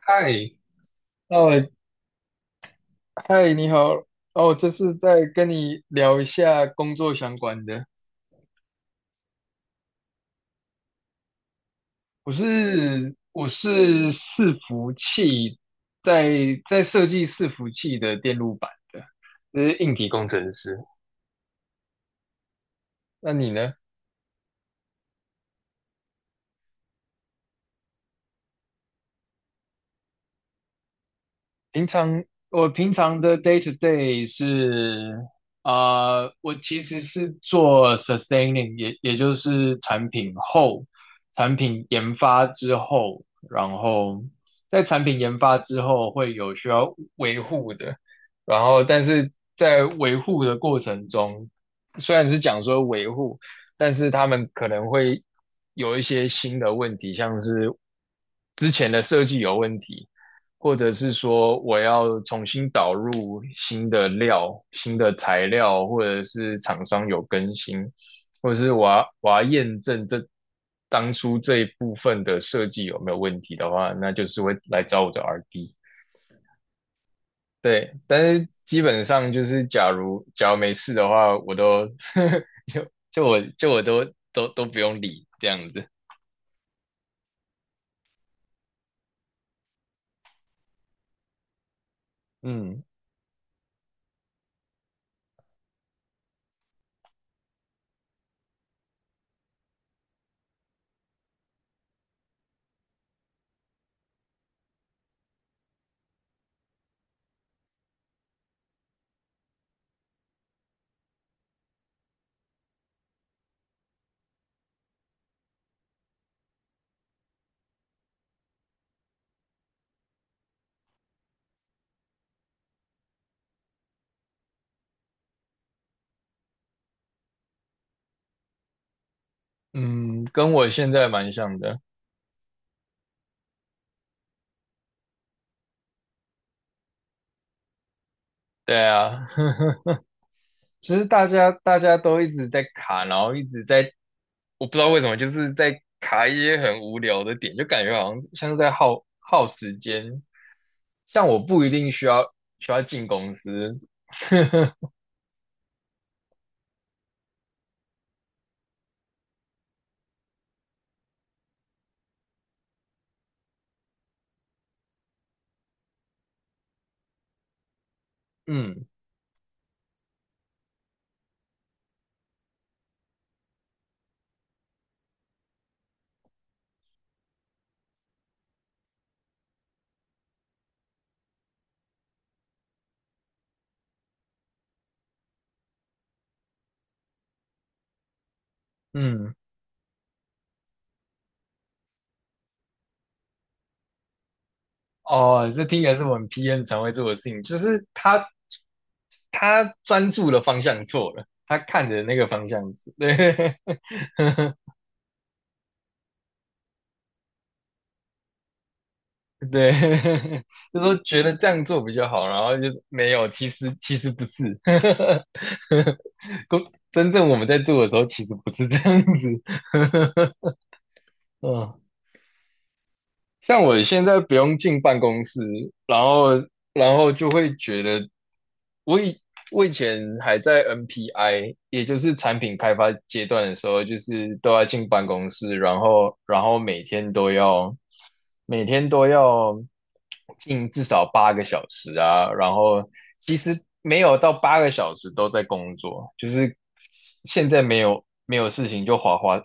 嗨，哦，嗨，你好，哦，这是在跟你聊一下工作相关的。我是伺服器，在设计伺服器的电路板的，就是硬体工程师。那你呢？平常我平常的 day to day 是，啊，我其实是做 sustaining，也就是产品后，产品研发之后，然后在产品研发之后会有需要维护的，然后但是在维护的过程中，虽然是讲说维护，但是他们可能会有一些新的问题，像是之前的设计有问题。或者是说我要重新导入新的料、新的材料，或者是厂商有更新，或者是我要验证当初这一部分的设计有没有问题的话，那就是会来找我的 RD。对，但是基本上就是，假如没事的话，我都 就就我就我都都都不用理这样子。嗯嗯，跟我现在蛮像的。对啊。其实大家都一直在卡，然后一直在，我不知道为什么，就是在卡一些很无聊的点，就感觉好像是在耗时间。像我不一定需要进公司，嗯嗯，哦，这听起来是我们 p n 常会做的事情，就是他专注的方向错了，他看着那个方向是，对，对，就说觉得这样做比较好，然后就是没有，其实不是，公真正我们在做的时候，其实不是这样子。嗯，像我现在不用进办公室，然后然后就会觉得，我以我以前还在 NPI，也就是产品开发阶段的时候，就是都要进办公室，然后每天都要进至少八个小时啊，然后其实没有到八个小时都在工作，就是。现在没有事情就划划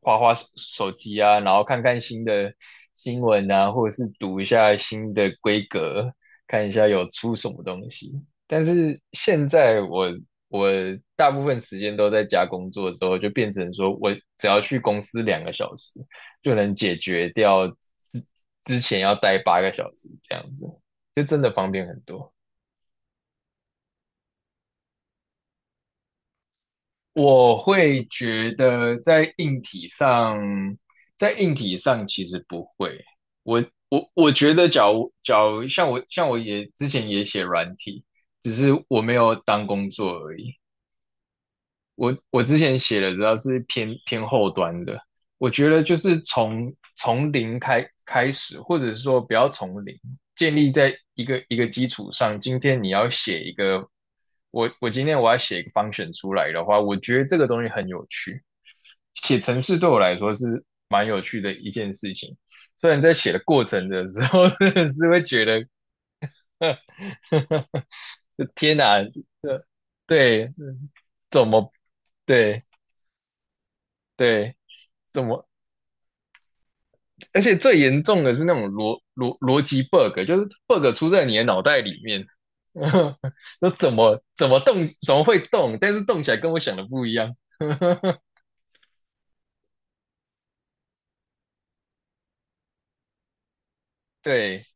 划划手手机啊，然后看看新的新闻啊，或者是读一下新的规格，看一下有出什么东西。但是现在我大部分时间都在家工作之后，就变成说我只要去公司2个小时，就能解决掉之前要待八个小时这样子，就真的方便很多。我会觉得在硬体上，在硬体上其实不会。我我觉得假如，假如像我也之前也写软体，只是我没有当工作而已。我之前写的主要是偏后端的，我觉得就是从零开始，或者是说不要从零，建立在一个一个基础上。今天你要写一个，我今天要写一个 function 出来的话，我觉得这个东西很有趣。写程式对我来说是蛮有趣的一件事情，虽然在写的过程的时候，真的是会觉得，呵呵呵，天哪，这对，嗯怎么对？对，怎么？而且最严重的是那种逻辑 bug，就是 bug 出在你的脑袋里面，那怎么动，怎么会动，但是动起来跟我想的不一样。对，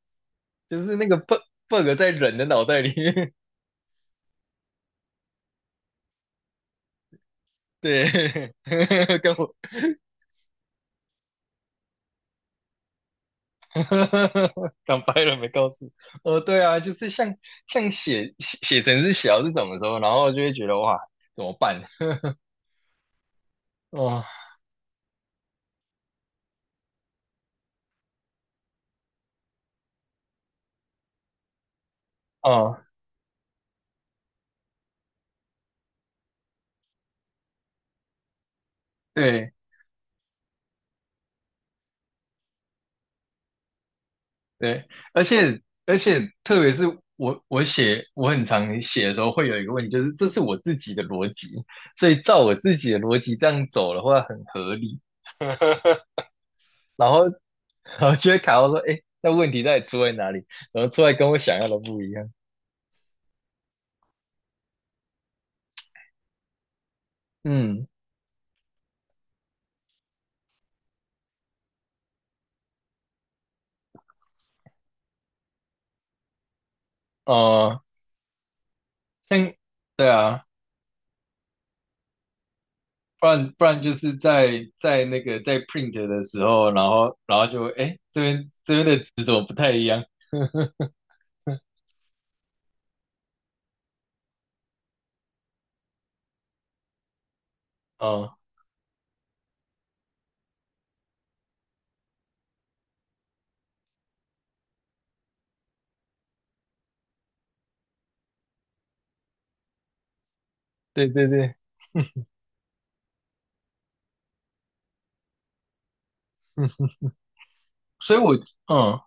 就是那个 bug 在人的脑袋里面。对，跟我 讲白了没告诉我。对啊，就是像写程式写到这种的时候，然后就会觉得哇，怎么办？哦哦，对。对，而且而且，特别是我我很常写的时候，会有一个问题，就是这是我自己的逻辑，所以照我自己的逻辑这样走的话很合理 然后然后就会卡到说，哎，那问题到底出在哪里？怎么出来跟我想要的不一样？嗯，呃，像对啊，不然就是在在那个在 print 的时候，然后就哎这边的值怎么不太一样？哦，对对对。所以我嗯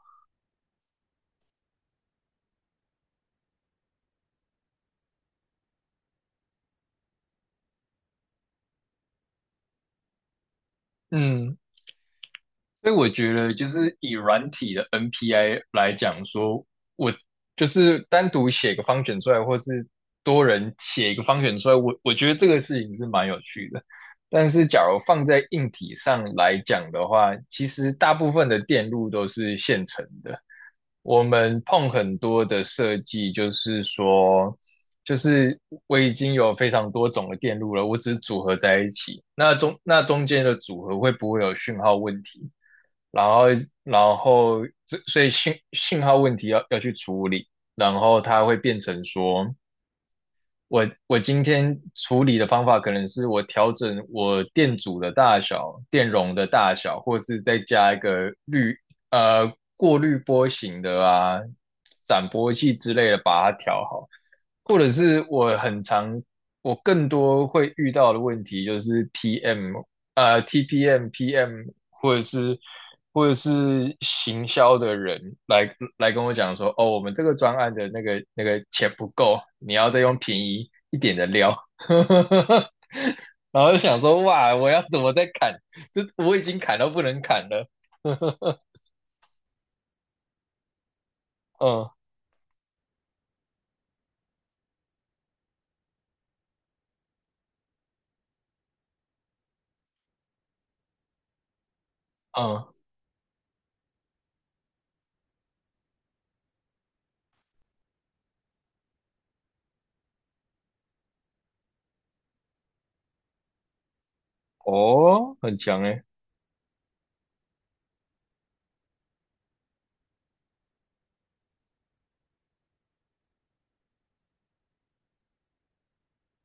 嗯，所以我觉得，就是以软体的 NPI 来讲说，我就是单独写个方选出来，或是多人写一个方选出来，我觉得这个事情是蛮有趣的。但是，假如放在硬体上来讲的话，其实大部分的电路都是现成的。我们碰很多的设计，就是说，就是我已经有非常多种的电路了，我只是组合在一起。那中间的组合会不会有讯号问题？然后然后所以信号问题要去处理，然后它会变成说，我今天处理的方法可能是我调整我电阻的大小、电容的大小，或是再加一个过滤波形的啊、斩波器之类的把它调好，或者是我很常我更多会遇到的问题就是 PM TPM、PM 或者是或者是行销的人来跟我讲说，哦，我们这个专案的那个钱不够，你要再用便宜一点的料，然后就想说，哇，我要怎么再砍？就我已经砍到不能砍了，嗯嗯，哦，很强诶，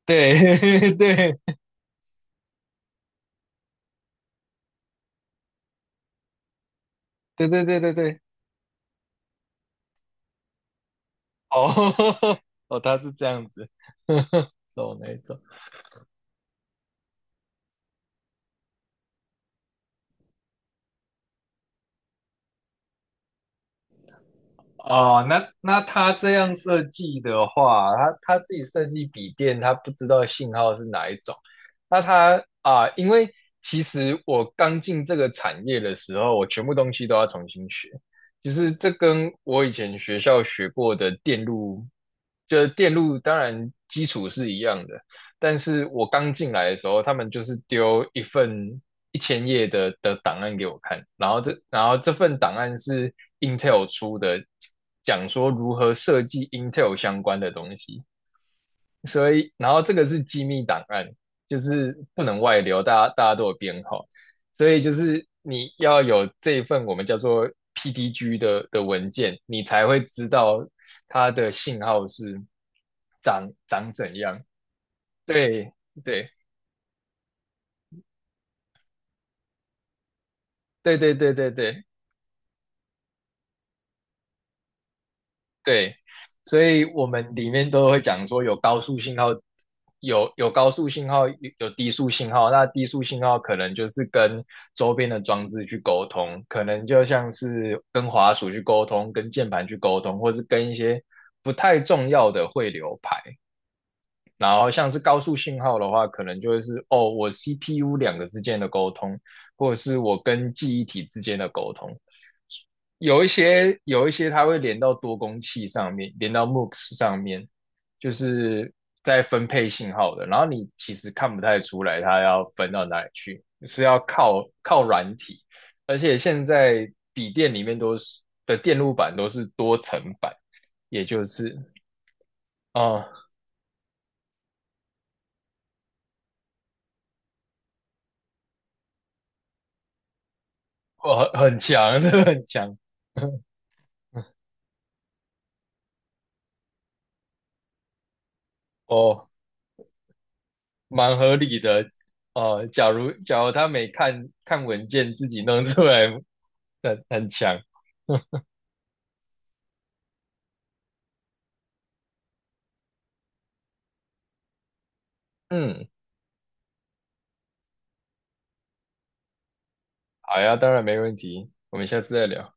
对 对对对对对对，哦 哦，他是这样子，走那一种。哦，那他这样设计的话，他自己设计笔电，他不知道信号是哪一种。那他啊，因为其实我刚进这个产业的时候，我全部东西都要重新学，就是这跟我以前学校学过的电路，就是电路当然基础是一样的，但是我刚进来的时候，他们就是丢一份1,000页的档案给我看，然后这份档案是 Intel 出的，讲说如何设计 Intel 相关的东西，所以然后这个是机密档案，就是不能外流，大家都有编号，所以就是你要有这一份我们叫做 PDG 的文件，你才会知道它的信号是长怎样，对。对，对对对对对对，所以我们里面都会讲说有高速信号，有高速信号，有低速信号。那低速信号可能就是跟周边的装置去沟通，可能就像是跟滑鼠去沟通，跟键盘去沟通，或是跟一些不太重要的汇流排。然后像是高速信号的话，可能就会是哦，我 CPU 两个之间的沟通，或者是我跟记忆体之间的沟通。有一些它会连到多工器上面，连到 MUX 上面，就是在分配信号的。然后你其实看不太出来它要分到哪里去，是要靠软体。而且现在笔电里面的电路板都是多层板，也就是哦，哦，很强，这个很强，哦，蛮合理的。哦，假如他没看看文件自己弄出来，很强。嗯，好呀，当然没问题，我们下次再聊。